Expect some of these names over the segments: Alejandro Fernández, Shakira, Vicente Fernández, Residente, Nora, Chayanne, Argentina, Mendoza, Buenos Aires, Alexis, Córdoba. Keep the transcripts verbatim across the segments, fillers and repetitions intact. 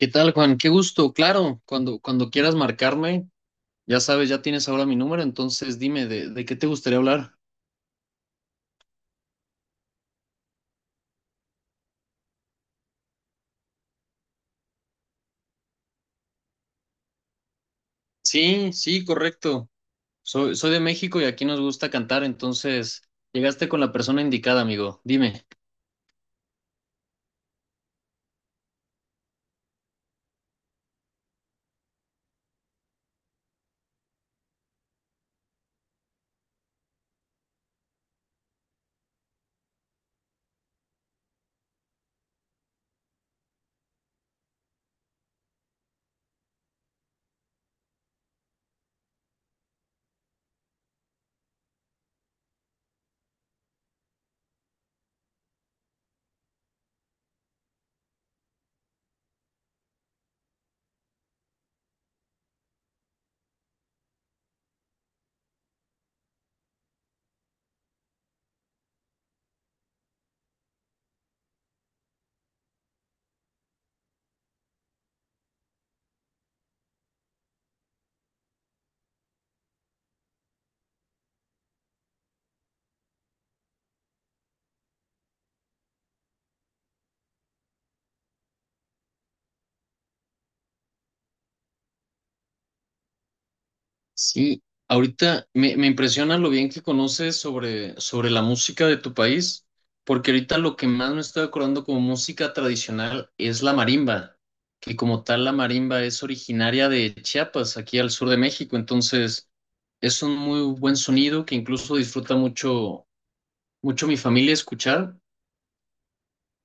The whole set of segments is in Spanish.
¿Qué tal, Juan? Qué gusto. Claro, cuando, cuando quieras marcarme, ya sabes, ya tienes ahora mi número, entonces dime, ¿de, de qué te gustaría hablar? Sí, sí, correcto. Soy, soy de México y aquí nos gusta cantar, entonces llegaste con la persona indicada, amigo. Dime. Sí, ahorita me, me impresiona lo bien que conoces sobre, sobre la música de tu país, porque ahorita lo que más me estoy acordando como música tradicional es la marimba, que como tal la marimba es originaria de Chiapas, aquí al sur de México, entonces es un muy buen sonido que incluso disfruta mucho, mucho mi familia escuchar.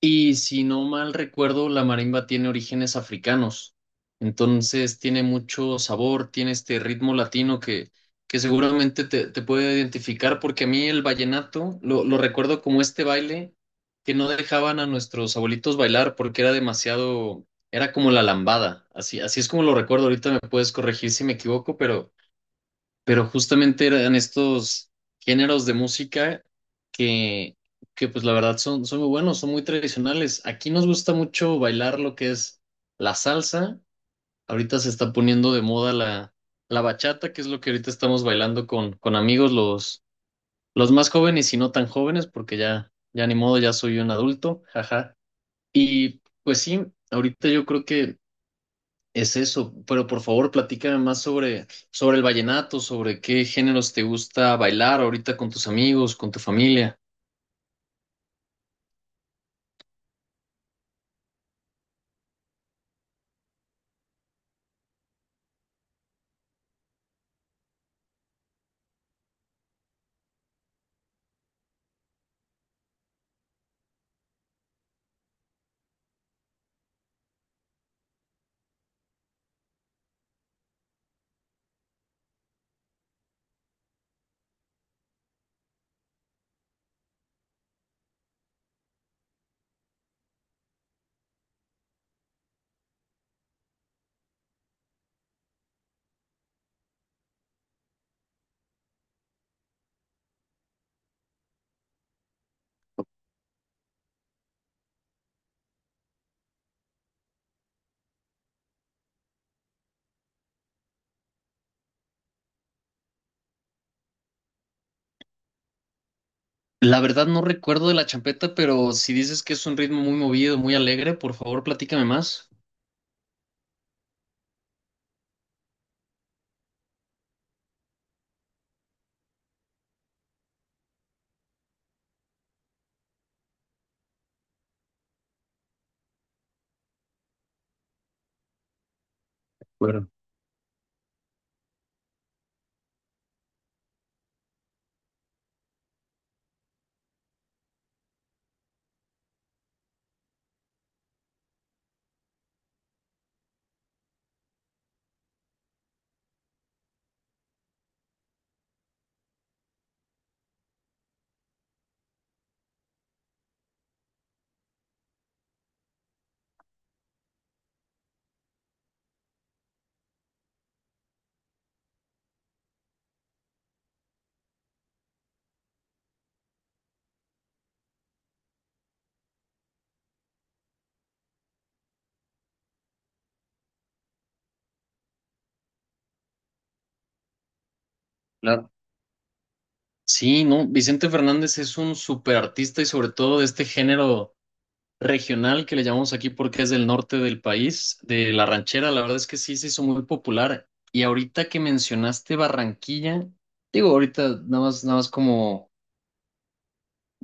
Y si no mal recuerdo, la marimba tiene orígenes africanos. Entonces tiene mucho sabor, tiene este ritmo latino que, que seguramente te, te puede identificar, porque a mí el vallenato lo, lo recuerdo como este baile que no dejaban a nuestros abuelitos bailar porque era demasiado, era como la lambada. Así, así es como lo recuerdo. Ahorita me puedes corregir si me equivoco, pero pero justamente eran estos géneros de música que, que pues la verdad son, son muy buenos, son muy tradicionales. Aquí nos gusta mucho bailar lo que es la salsa. Ahorita se está poniendo de moda la, la bachata, que es lo que ahorita estamos bailando con, con amigos, los, los más jóvenes y no tan jóvenes, porque ya, ya ni modo, ya soy un adulto, jaja. Y pues sí, ahorita yo creo que es eso, pero por favor platícame más sobre, sobre el vallenato, sobre qué géneros te gusta bailar ahorita con tus amigos, con tu familia. La verdad no recuerdo de la champeta, pero si dices que es un ritmo muy movido, muy alegre, por favor platícame más. Claro. Claro. Sí, no, Vicente Fernández es un súper artista y sobre todo de este género regional que le llamamos aquí porque es del norte del país, de La Ranchera, la verdad es que sí se hizo muy popular. Y ahorita que mencionaste Barranquilla, digo, ahorita nada más, nada más como,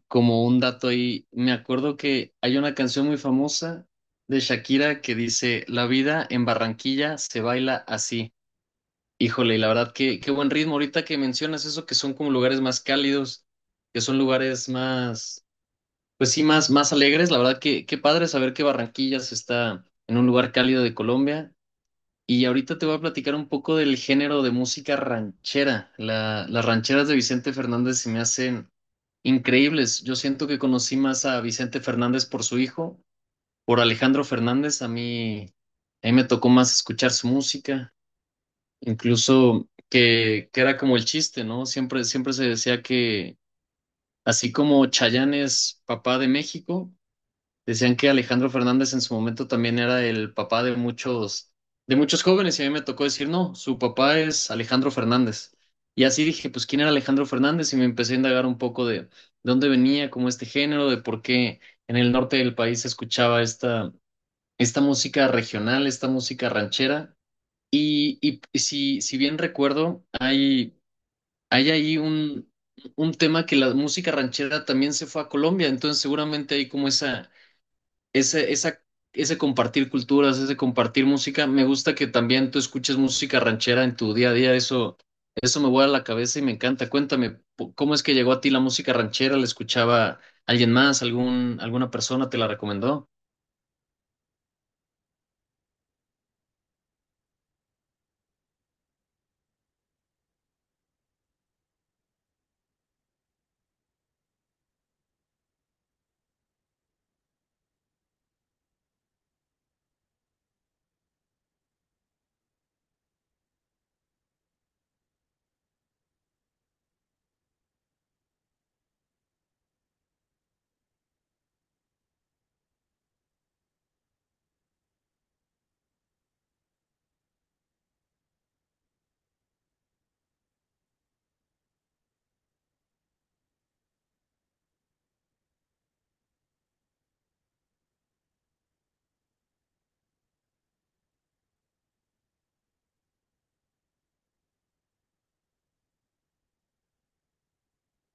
como un dato ahí, me acuerdo que hay una canción muy famosa de Shakira que dice, La vida en Barranquilla se baila así. Híjole, y la verdad que qué buen ritmo ahorita que mencionas eso, que son como lugares más cálidos, que son lugares más pues sí, más, más alegres. La verdad que qué padre saber que Barranquillas está en un lugar cálido de Colombia. Y ahorita te voy a platicar un poco del género de música ranchera. La- las rancheras de Vicente Fernández se me hacen increíbles. Yo siento que conocí más a Vicente Fernández por su hijo, por Alejandro Fernández. A mí, a mí me tocó más escuchar su música, incluso que, que era como el chiste, ¿no? Siempre, siempre se decía que así como Chayanne es papá de México. Decían que Alejandro Fernández en su momento también era el papá de muchos, de muchos jóvenes, y a mí me tocó decir, no, su papá es Alejandro Fernández. Y así dije, pues, ¿quién era Alejandro Fernández? Y me empecé a indagar un poco de, de dónde venía, como este género, de por qué en el norte del país se escuchaba esta, esta música regional, esta música ranchera. Y, y y si, si bien recuerdo, hay, hay ahí un, un tema que la música ranchera también se fue a Colombia, entonces seguramente hay como esa ese, esa, ese compartir culturas, ese compartir música. Me gusta que también tú escuches música ranchera en tu día a día. Eso, eso me vuela la cabeza y me encanta. Cuéntame, po- ¿cómo es que llegó a ti la música ranchera? ¿La escuchaba alguien más? ¿Algún, alguna persona te la recomendó?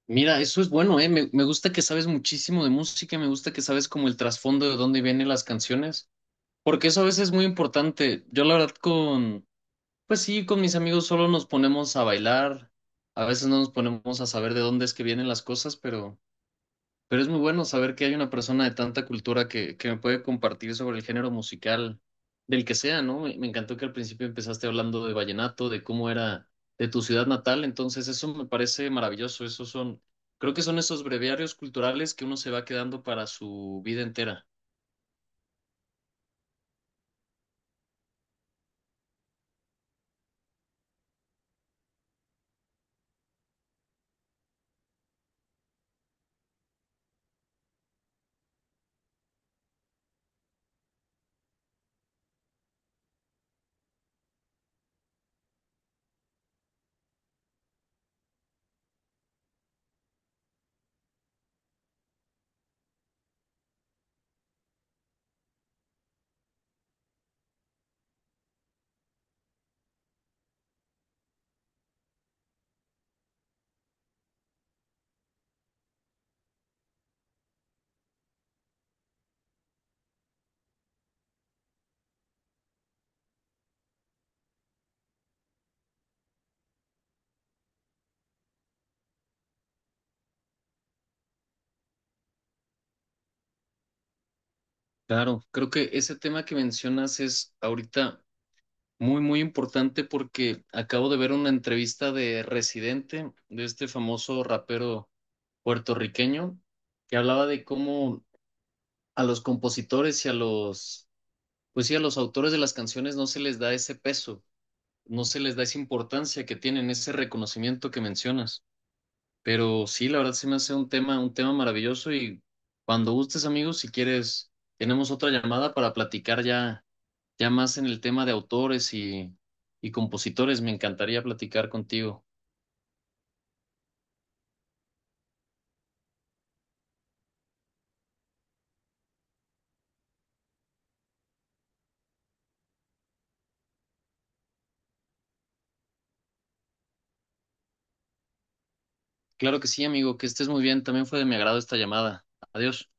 Mira, eso es bueno, ¿eh? Me, me gusta que sabes muchísimo de música, me gusta que sabes como el trasfondo de dónde vienen las canciones, porque eso a veces es muy importante. Yo la verdad con... Pues sí, con mis amigos solo nos ponemos a bailar, a veces no nos ponemos a saber de dónde es que vienen las cosas, pero, pero es muy bueno saber que hay una persona de tanta cultura que, que me puede compartir sobre el género musical del que sea, ¿no? Me, me encantó que al principio empezaste hablando de vallenato, de cómo era de tu ciudad natal, entonces eso me parece maravilloso, esos son, creo que son esos breviarios culturales que uno se va quedando para su vida entera. Claro, creo que ese tema que mencionas es ahorita muy, muy importante porque acabo de ver una entrevista de Residente, de este famoso rapero puertorriqueño, que hablaba de cómo a los compositores y a los, pues sí, a los autores de las canciones no se les da ese peso, no se les da esa importancia que tienen, ese reconocimiento que mencionas. Pero sí, la verdad se me hace un tema, un tema maravilloso y cuando gustes, amigos, si quieres, tenemos otra llamada para platicar ya ya más en el tema de autores y, y compositores, me encantaría platicar contigo. Claro que sí, amigo, que estés muy bien. También fue de mi agrado esta llamada. Adiós.